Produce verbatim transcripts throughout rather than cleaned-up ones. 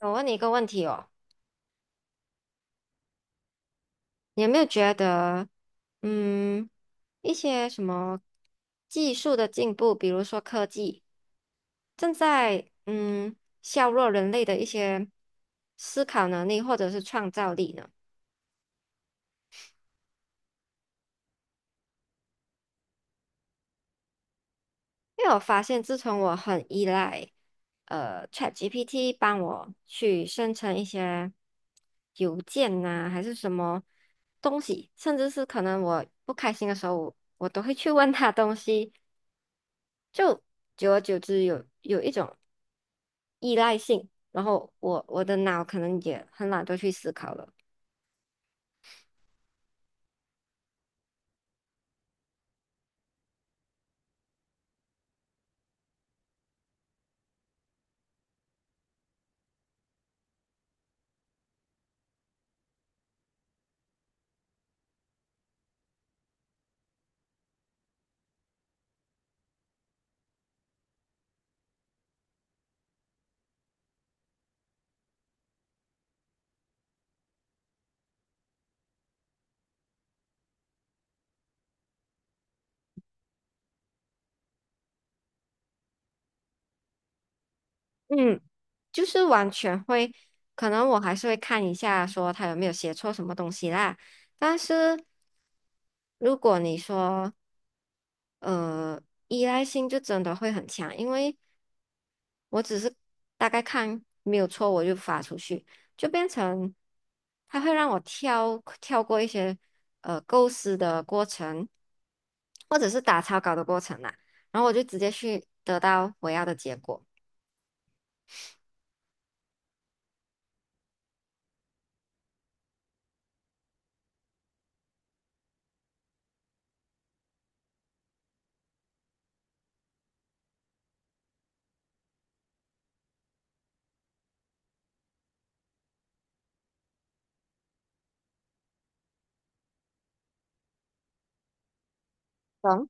我问你一个问题哦，你有没有觉得，嗯，一些什么技术的进步，比如说科技，正在嗯削弱人类的一些思考能力或者是创造力呢？因为我发现，自从我很依赖呃 ChatGPT 帮我去生成一些邮件呐、还是什么东西，甚至是可能我不开心的时候，我我都会去问他东西。就久而久之有有一种依赖性，然后我我的脑可能也很懒得去思考了。嗯，就是完全会，可能我还是会看一下说他有没有写错什么东西啦，但是如果你说呃依赖性就真的会很强，因为我只是大概看没有错，我就发出去，就变成它会让我跳跳过一些呃构思的过程，或者是打草稿的过程啦、然后我就直接去得到我要的结果。懂。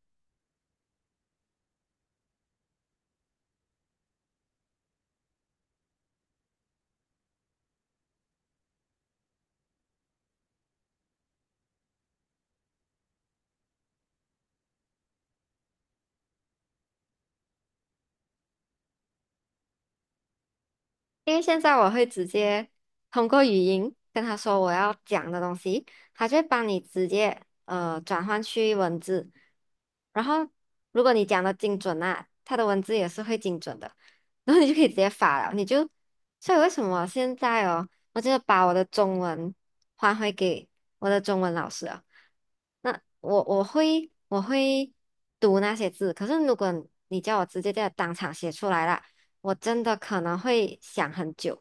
因为现在我会直接通过语音跟他说我要讲的东西，他就会帮你直接呃转换去文字，然后如果你讲的精准啊，他的文字也是会精准的，然后你就可以直接发了，你就，所以为什么现在哦，我就把我的中文还回给我的中文老师啊，那我我会我会读那些字，可是如果你叫我直接在当场写出来啦。我真的可能会想很久。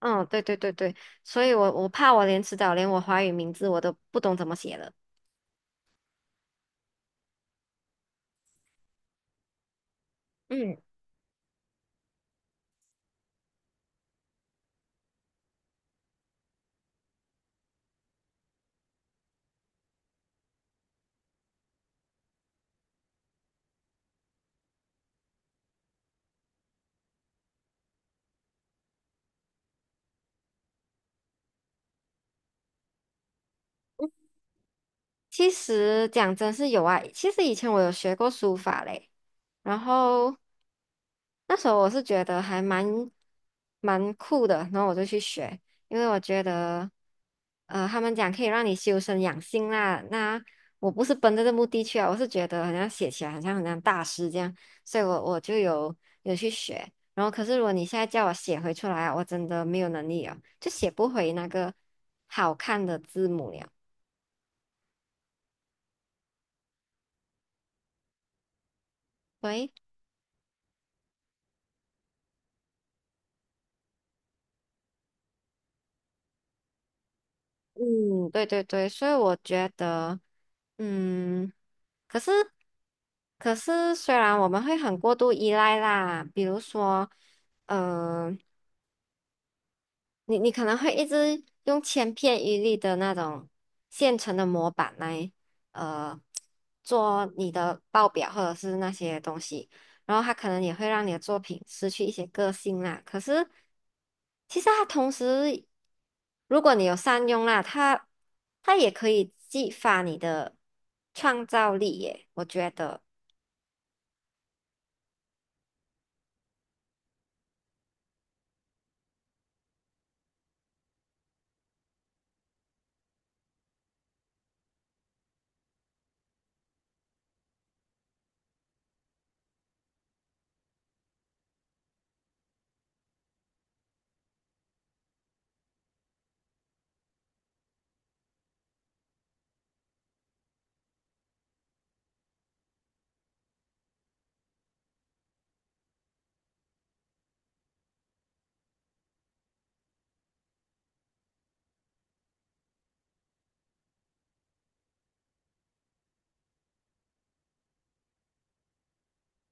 嗯，对对对对，所以我我怕我连迟早连我华语名字我都不懂怎么写了。嗯，其实讲真是有啊，其实以前我有学过书法嘞，然后那时候我是觉得还蛮蛮酷的，然后我就去学，因为我觉得，呃，他们讲可以让你修身养性啦。那我不是奔着这目的去啊，我是觉得好像写起来好像很像大师这样，所以我我就有有去学。然后可是如果你现在叫我写回出来啊，我真的没有能力啊，就写不回那个好看的字母了。喂。嗯，对对对，所以我觉得，嗯，可是，可是，虽然我们会很过度依赖啦，比如说，呃你你可能会一直用千篇一律的那种现成的模板来，呃，做你的报表或者是那些东西，然后它可能也会让你的作品失去一些个性啦。可是，其实它同时，如果你有善用啦，它它也可以激发你的创造力耶，我觉得。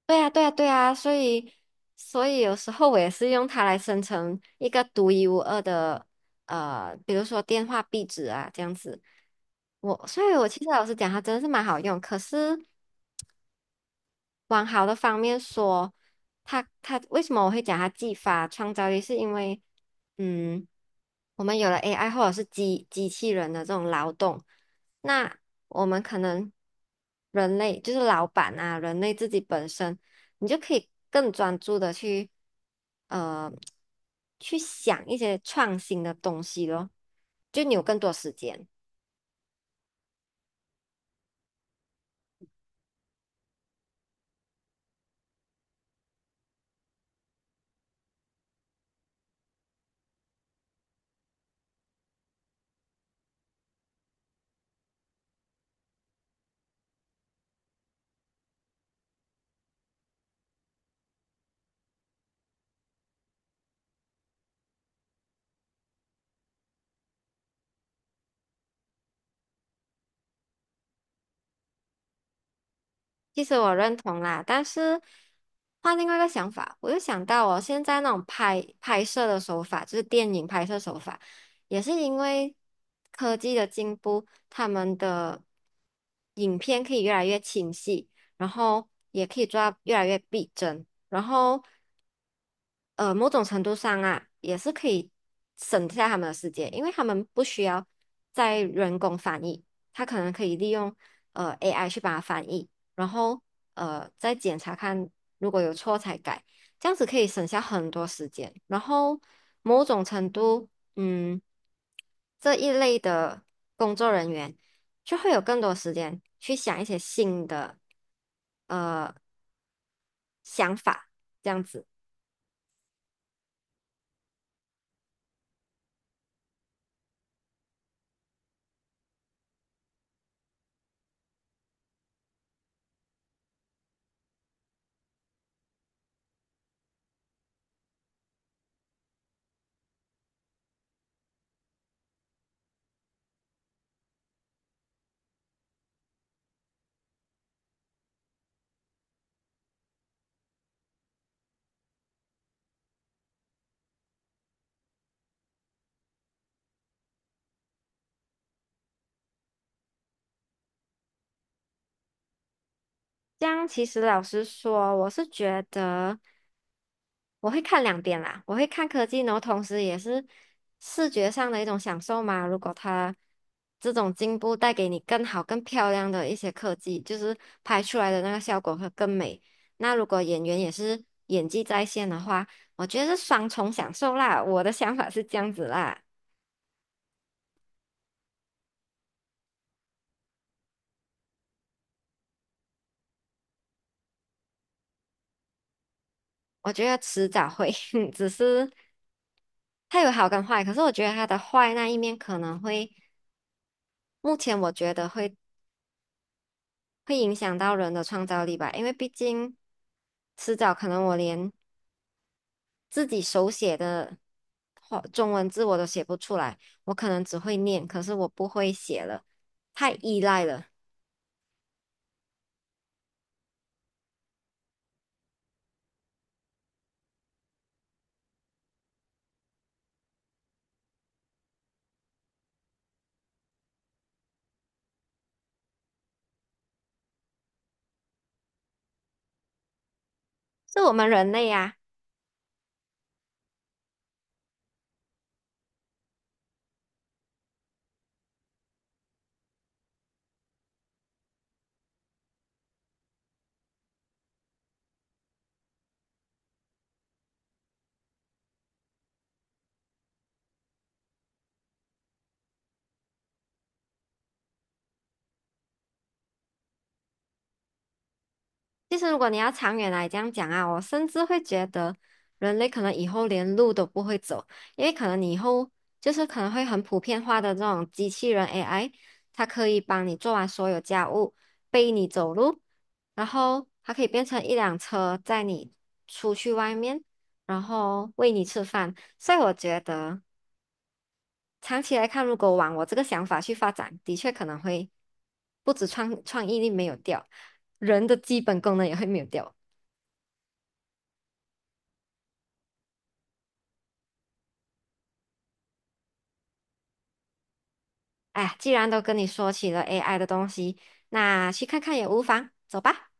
对呀，对呀，对呀，所以，所以有时候我也是用它来生成一个独一无二的，呃，比如说电话壁纸啊，这样子。我，所以我其实老实讲，它真的是蛮好用。可是往好的方面说，他他为什么我会讲他技法创造力，是因为嗯，我们有了 A I 或者是机机器人的这种劳动，那我们可能人类就是老板啊，人类自己本身，你就可以更专注的去呃去想一些创新的东西咯，就你有更多时间。其实我认同啦，但是换另外一个想法，我又想到哦，现在那种拍拍摄的手法，就是电影拍摄手法，也是因为科技的进步，他们的影片可以越来越清晰，然后也可以做到越来越逼真，然后呃，某种程度上啊，也是可以省下他们的时间，因为他们不需要再人工翻译，他可能可以利用呃 A I 去把它翻译，然后呃再检查看如果有错才改，这样子可以省下很多时间。然后某种程度，嗯，这一类的工作人员就会有更多时间去想一些新的呃想法，这样子。这样其实老实说，我是觉得我会看两边啦，我会看科技，然后同时也是视觉上的一种享受嘛。如果它这种进步带给你更好、更漂亮的一些科技，就是拍出来的那个效果会更美。那如果演员也是演技在线的话，我觉得是双重享受啦。我的想法是这样子啦，我觉得迟早会，只是它有好跟坏。可是我觉得它的坏那一面可能会，目前我觉得会。会影响到人的创造力吧，因为毕竟迟早可能我连自己手写的话中文字我都写不出来，我可能只会念，可是我不会写了，太依赖了，是我们人类呀、其实，如果你要长远来这样讲啊，我甚至会觉得人类可能以后连路都不会走，因为可能你以后就是可能会很普遍化的这种机器人 A I，它可以帮你做完所有家务，背你走路，然后它可以变成一辆车载你出去外面，然后喂你吃饭。所以我觉得长期来看，如果往我这个想法去发展，的确可能会不止创创意力没有掉，人的基本功能也会没有掉。哎，既然都跟你说起了 A I 的东西，那去看看也无妨，走吧。